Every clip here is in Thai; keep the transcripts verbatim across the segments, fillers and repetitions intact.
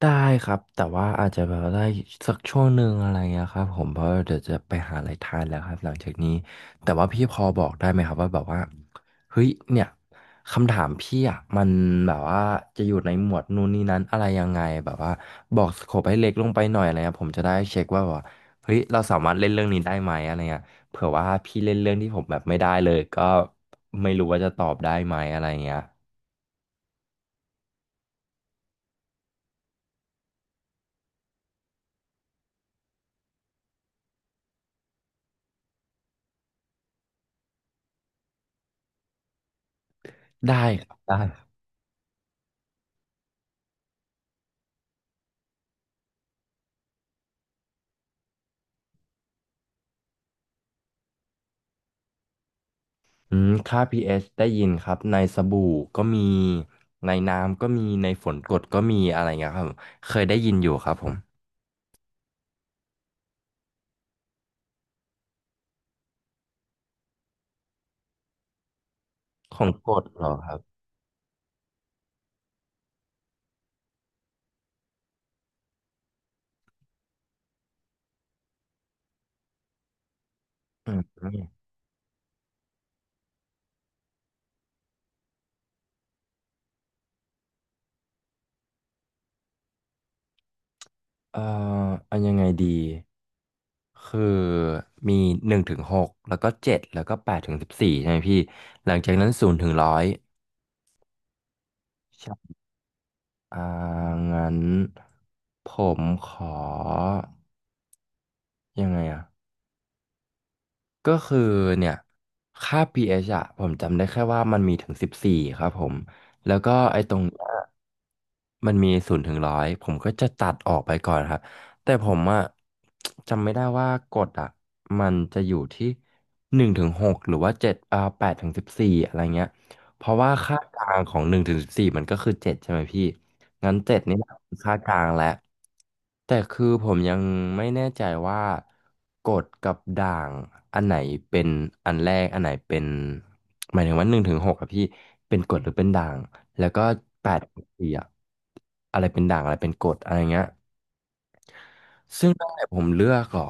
ได้ครับแต่ว่าอาจจะแบบได้สักช่วงหนึ่งอะไรเงี้ยครับผมเพราะเดี๋ยวจะไปหาอะไรทานแล้วครับหลังจากนี้แต่ว่าพี่พอบอกได้ไหมครับว่าแบบว่าเฮ้ยเนี่ยคำถามพี่อ่ะมันแบบว่าจะอยู่ในหมวดนู่นนี่นั้นอะไรยังไงแบบว่าบอกสโคปให้เล็กลงไปหน่อยอะไรเงี้ยผมจะได้เช็คว่าแบบว่าเฮ้ยเราสามารถเล่นเรื่องนี้ได้ไหมอะไรเงี้ยเผื่อว่าพี่เล่นเรื่องที่ผมแบบไม่ได้เลยก็ไม่รู้ว่าจะตอบได้ไหมอะไรเงี้ยได้ครับได้ อืมค่า p ชได้ยินครับในสบู่ก็มีในน้ำก็มีในฝนกรดก็มีอะไรเงี้ยครับเคยได้ยินอยู่ครับผมของกรดเหรอครับอืมเอ่ออันยังไงดีคือมีหนึ่งถึงหกแล้วก็เจ็ดแล้วก็แปดถึงสิบสี่ใช่ไหมพี่หลังจากนั้นศูนย์ถึงร้อยใช่อ่างั้นผมขอยังไงอะ ก็คือเนี่ยค่า pH อะผมจำได้แค่ว่ามันมีถึงสิบสี่ครับผมแล้วก็ไอ้ตรงเนี้ยมันมีศูนย์ถึงร้อยผมก็จะตัดออกไปก่อนครับแต่ผมอะจำไม่ได้ว่ากฎอะมันจะอยู่ที่หนึ่งถึงหกหรือว่าเจ็ดอ่าแปดถึงสิบสี่อะไรเงี้ยเพราะว่าค่ากลางของหนึ่งถึงสิบสี่มันก็คือเจ็ดใช่ไหมพี่งั้นเจ็ดนี่แหละคือค่ากลางแล้ว แต่คือผมยังไม่แน่ใจว่ากดกับด่างอันไหนเป็นอันแรกอันไหนเป็นหมายถึงว่าหนึ่งถึงหกอะพี่เป็นกดหรือเป็นด่างแล้วก็แปดถึงสี่อะอะไรเป็นด่างอะไรเป็นกดอะไรเงี้ยซึ่งตั้งแต่ผมเลือกหรอ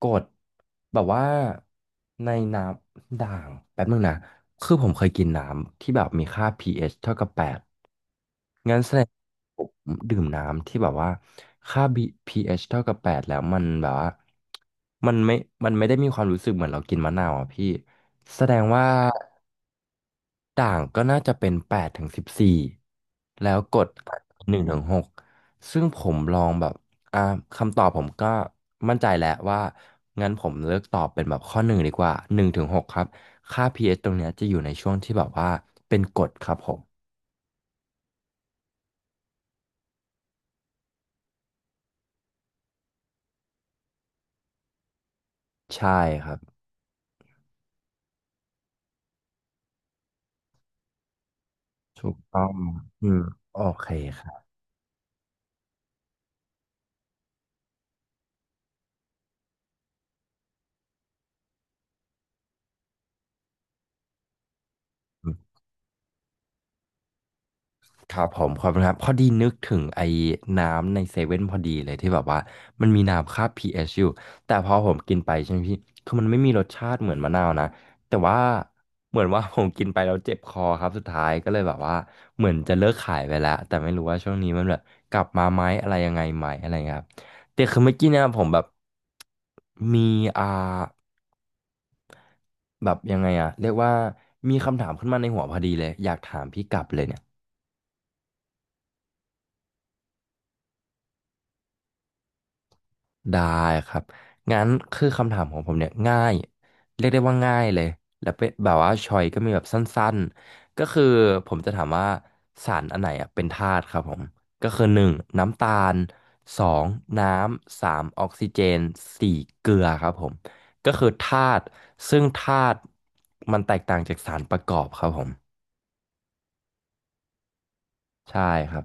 กดแบบว่าในน้ำด่างแป๊บนึงนะคือผมเคยกินน้ำที่แบบมีค่า pH เอชเท่ากับแปด งั้นแสดงผมดื่มน้ำที่แบบว่าค่า B pH เอชเท่ากับแปดแล้วมันแบบว่ามันไม่มันไม่ได้มีความรู้สึกเหมือนเรากินมะนาวอ่ะพี่แสดงว่าด่างก็น่าจะเป็นแปดถึงสิบสี่แล้วกดหนึ่งถึงหกซึ่งผมลองแบบอ่าคำตอบผมก็มั่นใจแล้วว่างั้นผมเลือกตอบเป็นแบบข้อหนึ่งดีกว่าหนึ่งถึงหกครับค่า pH ตรงเนี้ยจะอยู่ในช่วงที่แบบว่าเป็นกรดครับผมใช่ครับ ถูกต้องอืมโอเคครับครับผมขอบคุณครับ พอดีนึกถึงไอ้น้ำในเซเว่นพอดีเลยที่แบบว่ามันมีน้ำค่า pH อชอยู่แต่พอผมกินไปใช่ไหมพี่ คือมันไม่มีรสชาติเหมือนมะนาวนะ แต่ว่าเหมือนว่า ผมกินไปแล้วเจ็บคอครับสุดท้ายก็เลยแบบว่าเหมือนจะเลิกขายไปแล้ว แต่ไม่รู้ว่าช่วงนี้มันแบบกลับมาไหมอะไรยังไงไหมอะไรเงี้ยครับแต่คือเมื่อกี้เนี่ยผมแบบมีอ่า แบบยังไงอะเรียกว่ามีคำถามขึ้นมาในหัวพอดีเลยอยากถามพี่กลับเลยเนี่ยได้ครับงั้นคือคำถามของผมเนี่ยง่ายเรียกได้ว่าง่ายเลยแล้วเป็นแบบว่าชอยก็มีแบบสั้นๆก็คือผมจะถามว่าสารอันไหนอะเป็นธาตุครับผมก็คือหนึ่งน้ำตาลสองน้ำสามออกซิเจนสี่เกลือครับผมก็คือธาตุซึ่งธาตุมันแตกต่างจากสารประกอบครับผมใช่ครับ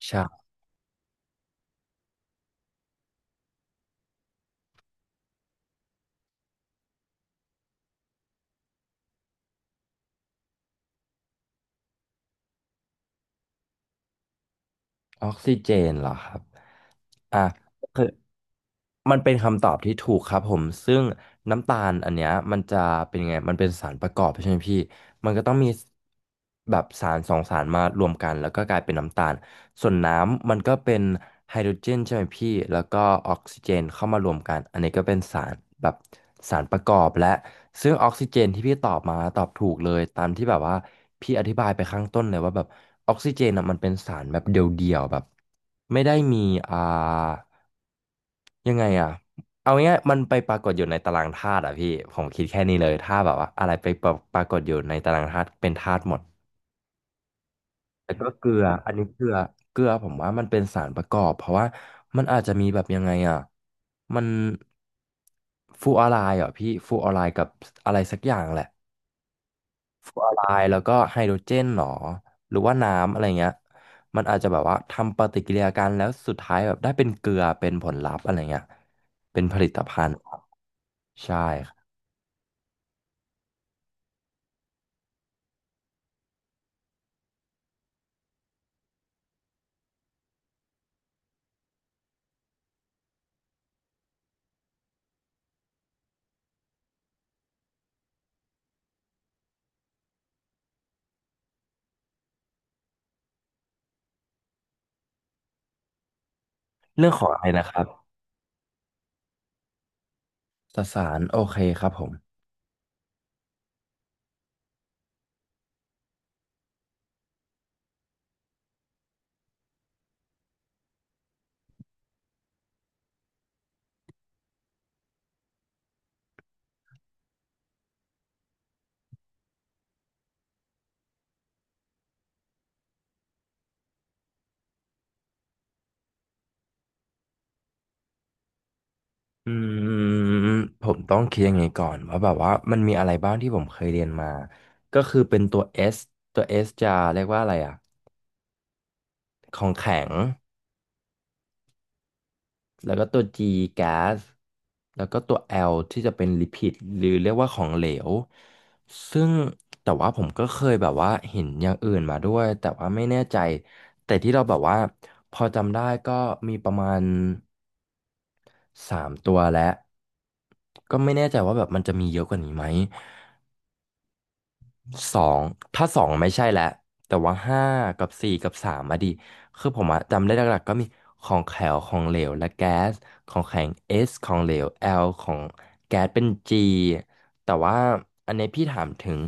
ใช่ออกซิเจนเหรอครับ อ่ะคือมันเป็นคำตอบที่ถูกครับผมซึ่งน้ำตาลอันเนี้ยมันจะเป็นยังไงมันเป็นสารประกอบใช่ไหมพี่มันก็ต้องมีแบบสารสองสารมารวมกันแล้วก็กลายเป็นน้ำตาลส่วนน้ำมันก็เป็นไฮโดรเจนใช่ไหมพี่แล้วก็ออกซิเจนเข้ามารวมกันอันนี้ก็เป็นสารแบบสารประกอบและซึ่งออกซิเจนที่พี่ตอบมาตอบถูกเลยตามที่แบบว่าพี่อธิบายไปข้างต้นเลยว่าแบบออกซิเจนอ่ะมันเป็นสารแบบเดียวๆแบบไม่ได้มีอ่า ยังไงอ่ะเอาง่ายๆมันไปปรากฏอยู่ในตารางธาตุอ่ะพี่ผมคิดแค่นี้เลยถ้าแบบว่าอะไรไปปรปรากฏอยู่ในตารางธาตุเป็นธาตุหมดแล้วก็เกลืออันนี้เกลือเกลือผมว่ามันเป็นสารประกอบเพราะว่ามันอาจจะมีแบบยังไงอ่ะมันฟลูออไรด์เหรอพี่ฟลูออไรด์กับอะไรสักอย่างแหละฟลูออไรด์แล้วก็ไฮโดรเจนหรอหรือว่าน้ำอะไรเงี้ยมันอาจจะแบบว่าทำปฏิกิริยากันแล้วสุดท้ายแบบได้เป็นเกลือเป็นผลลัพธ์อะไรเงี้ยเป็นผลิตภัณฑ์ ใช่ครับเรื่องของอะไรนะครับสสารโอเคครับผมอืมผมต้องคิดยังไงก่อนว่าแบบว่ามันมีอะไรบ้างที่ผมเคยเรียนมาก็คือเป็นตัว S ตัว S จะเรียกว่าอะไรอ่ะของแข็งแล้วก็ตัว G แก๊สแล้วก็ตัว แอล ที่จะเป็นลิพิดหรือเรียกว่าของเหลวซึ่งแต่ว่าผมก็เคยแบบว่าเห็นอย่างอื่นมาด้วยแต่ว่าไม่แน่ใจแต่ที่เราแบบว่าพอจำได้ก็มีประมาณ สามตัวและก็ไม่แน่ใจว่าแบบมันจะมีเยอะกว่านี้ไหมสองถ้าสองไม่ใช่แล้วแต่ว่าห้ากับสี่กับสามอะดิคือผมอะจำได้หลักๆก็มีของแข็งของเหลวและแก๊สของแข็ง S ของเหลว แอล ของแก๊สเป็น จี แต่ว่าอันนี้พี่ถามถึง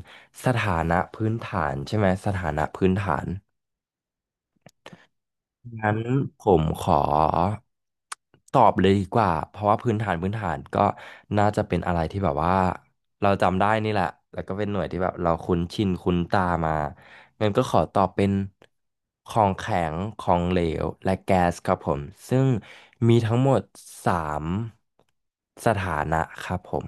สถานะพื้นฐานใช่ไหมสถานะพื้นฐาน งั้นผมขอตอบเลยดีกว่าเพราะว่าพื้นฐานพื้นฐานก็น่าจะเป็นอะไรที่แบบว่าเราจำได้นี่แหละแล้วก็เป็นหน่วยที่แบบเราคุ้นชินคุ้นตามางั้นก็ขอตอบเป็นของแข็งของเหลวและแก๊สครับผมซึ่งมีทั้งหมดสามสถานะครับผม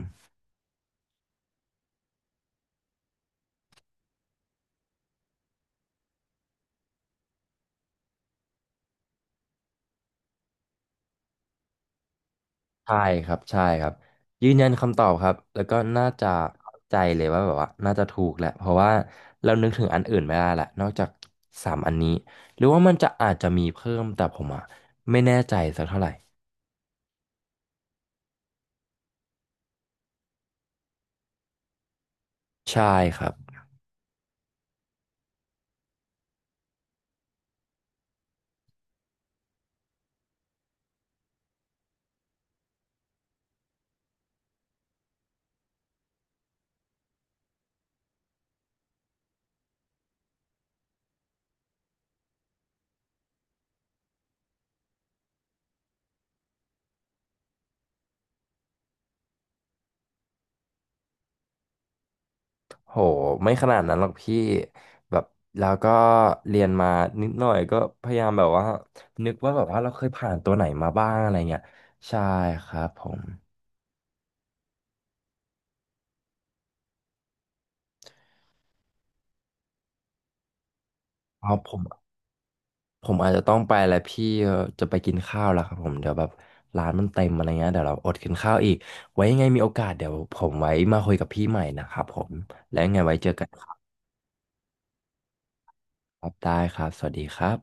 ใช่ครับใช่ครับยืนยันคำตอบครับแล้วก็น่าจะเข้าใจเลยว่าแบบว่าน่าจะถูกแหละเพราะว่าเรานึกถึงอันอื่นไม่ได้ละนอกจากสามอันนี้หรือว่ามันจะอาจจะมีเพิ่มแต่ผมอ่ะไม่แน่ใจสักเท่าไหร่ใช่ครับโหไม่ขนาดนั้นหรอกพี่แบบแล้วก็เรียนมานิดหน่อยก็พยายามแบบว่านึกว่าแบบว่าเราเคยผ่านตัวไหนมาบ้างอะไรเงี้ยใช่ครับผมเอาผม ผมอาจจะต้องไปแล้วพี่เอ่อจะไปกินข้าวแล้วครับผมเดี๋ยวแบบร้านมันเต็มอะไรเงี้ยเดี๋ยวเราอดกินข้าวอีกไว้ยังไงมีโอกาสเดี๋ยวผมไว้มาคุยกับพี่ใหม่นะครับผมแล้วยังไงไว้เจอกันครับได้ครับสวัสดีครับ